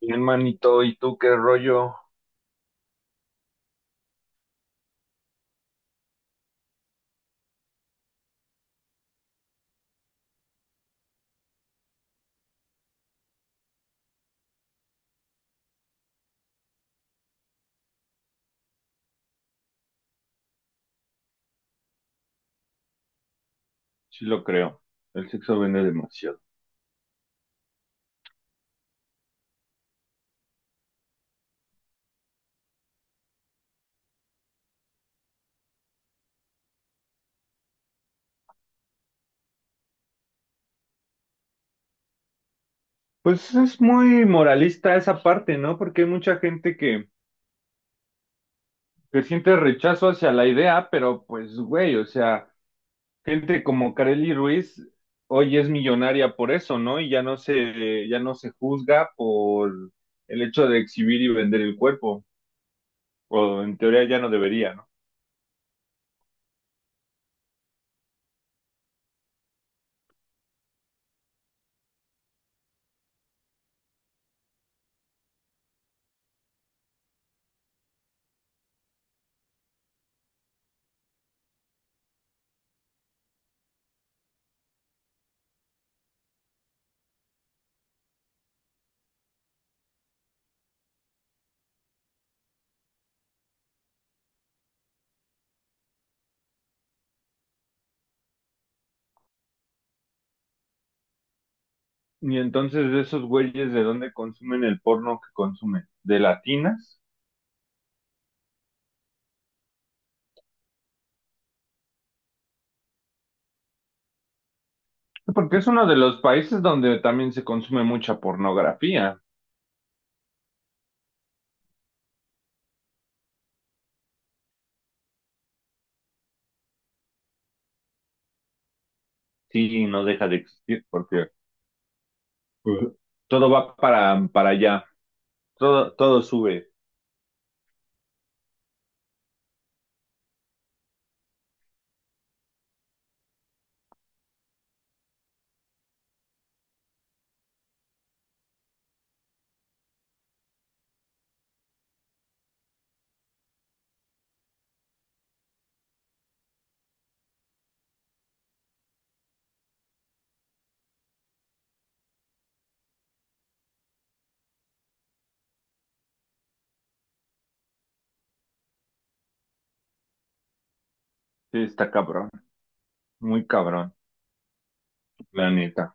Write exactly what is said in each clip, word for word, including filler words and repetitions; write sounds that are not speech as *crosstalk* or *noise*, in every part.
Bien, manito, ¿y tú qué rollo? Sí lo creo. El sexo vende demasiado. Pues es muy moralista esa parte, ¿no? Porque hay mucha gente que, que siente rechazo hacia la idea, pero pues, güey, o sea, gente como Kareli Ruiz hoy es millonaria por eso, ¿no? Y ya no se, ya no se juzga por el hecho de exhibir y vender el cuerpo. O en teoría ya no debería, ¿no? Y entonces de esos güeyes, ¿de dónde consumen el porno que consumen? ¿De latinas? Porque es uno de los países donde también se consume mucha pornografía. Sí, no deja de existir porque pues, todo va para, para allá. Todo, todo sube. Sí, está cabrón. Muy cabrón, la neta.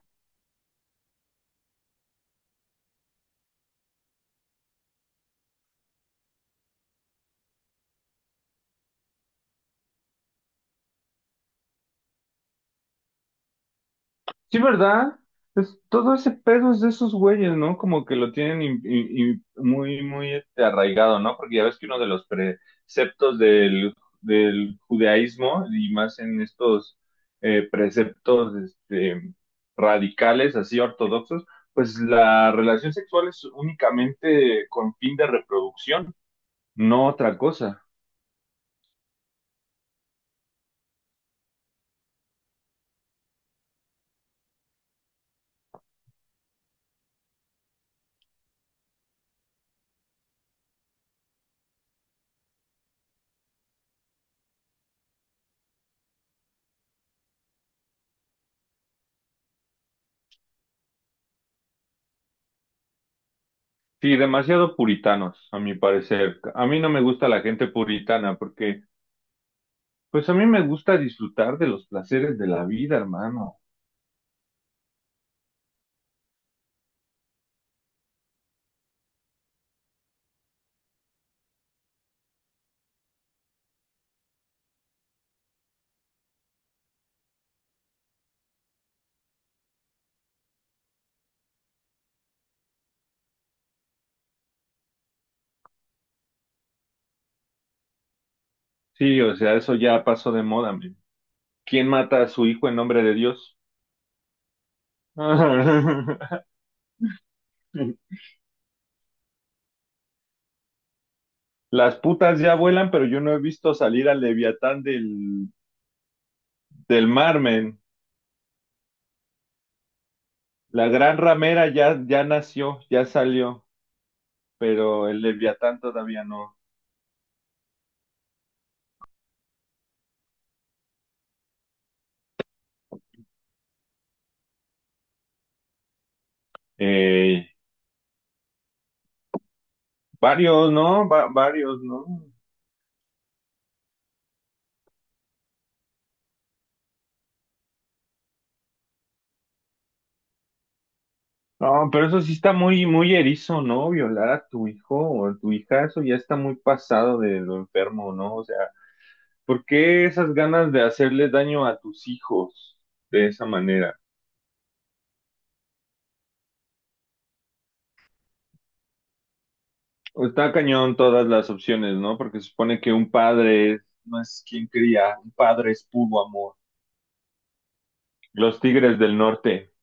Sí, ¿verdad? Es, todo ese pedo es de esos güeyes, ¿no? Como que lo tienen im- i- i- muy, muy este, arraigado, ¿no? Porque ya ves que uno de los preceptos del, del judaísmo, y más en estos eh, preceptos este, radicales, así ortodoxos, pues la relación sexual es únicamente con fin de reproducción, no otra cosa. Sí, demasiado puritanos, a mi parecer. A mí no me gusta la gente puritana porque... Pues a mí me gusta disfrutar de los placeres de la vida, hermano. Sí, o sea, eso ya pasó de moda, men. ¿Quién mata a su hijo en nombre de Dios? *laughs* Las putas ya vuelan, pero yo no he visto salir al Leviatán del, del mar, men. La gran ramera ya, ya nació, ya salió, pero el Leviatán todavía no. Eh, varios, ¿no? Va- varios, ¿no? No, pero eso sí está muy, muy erizo, ¿no? Violar a tu hijo o a tu hija, eso ya está muy pasado de lo enfermo, ¿no? O sea, ¿por qué esas ganas de hacerles daño a tus hijos de esa manera? Está cañón todas las opciones, ¿no? Porque se supone que un padre no es quien cría, un padre es puro amor. Los tigres del norte,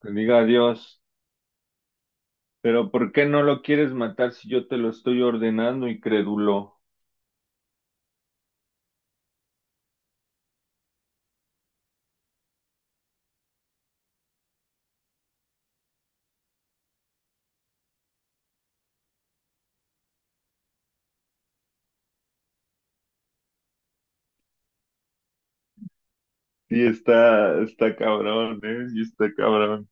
que diga adiós. Pero ¿por qué no lo quieres matar si yo te lo estoy ordenando, incrédulo? Sí, está, está cabrón, ¿eh? Sí, está cabrón.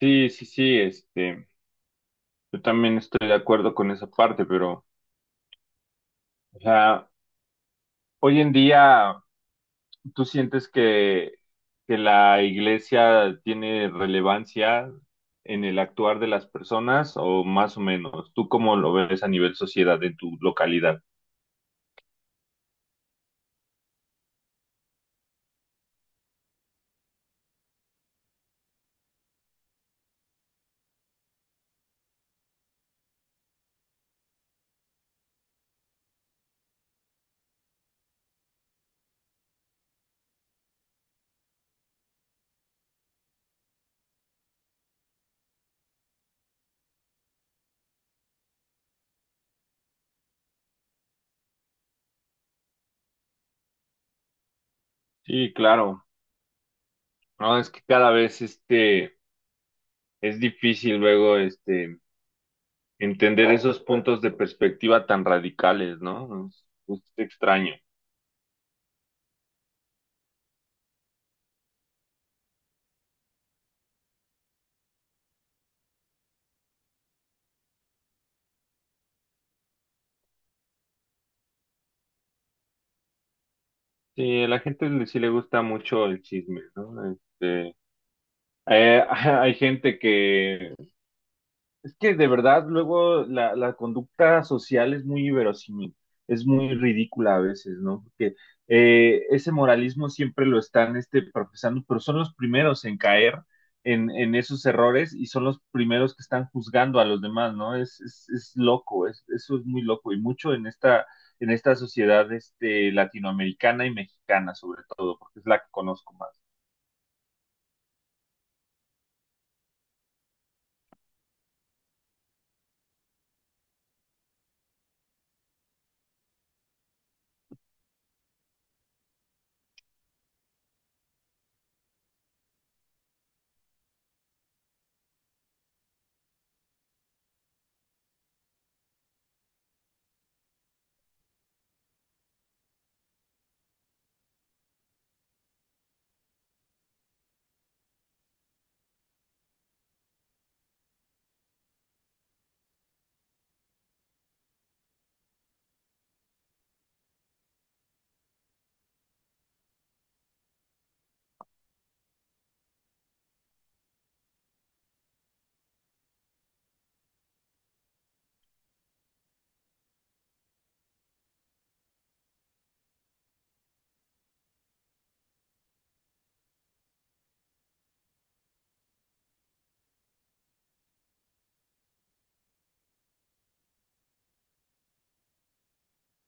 Sí, sí, sí, este, yo también estoy de acuerdo con esa parte, pero, o sea, hoy en día, ¿tú sientes que, que la iglesia tiene relevancia en el actuar de las personas o más o menos? ¿Tú cómo lo ves a nivel sociedad en tu localidad? Sí, claro, no, es que cada vez, este, es difícil luego, este, entender esos puntos de perspectiva tan radicales, ¿no? es es extraño. Sí, a la gente le- sí le gusta mucho el chisme, ¿no? Este, eh, *laughs* hay gente que es que de verdad luego la, la conducta social es muy inverosímil, es muy ridícula a veces, ¿no? Porque eh, ese moralismo siempre lo están este, profesando, pero son los primeros en caer en, en esos errores y son los primeros que están juzgando a los demás, ¿no? Es, es, es loco, es, eso es muy loco y mucho en esta, en esta sociedad este, latinoamericana y mexicana sobre todo, porque es la que conozco más.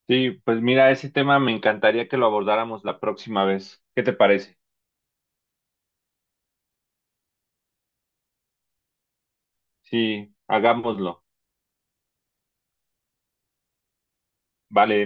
Sí, pues mira, ese tema me encantaría que lo abordáramos la próxima vez. ¿Qué te parece? Sí, hagámoslo. Vale.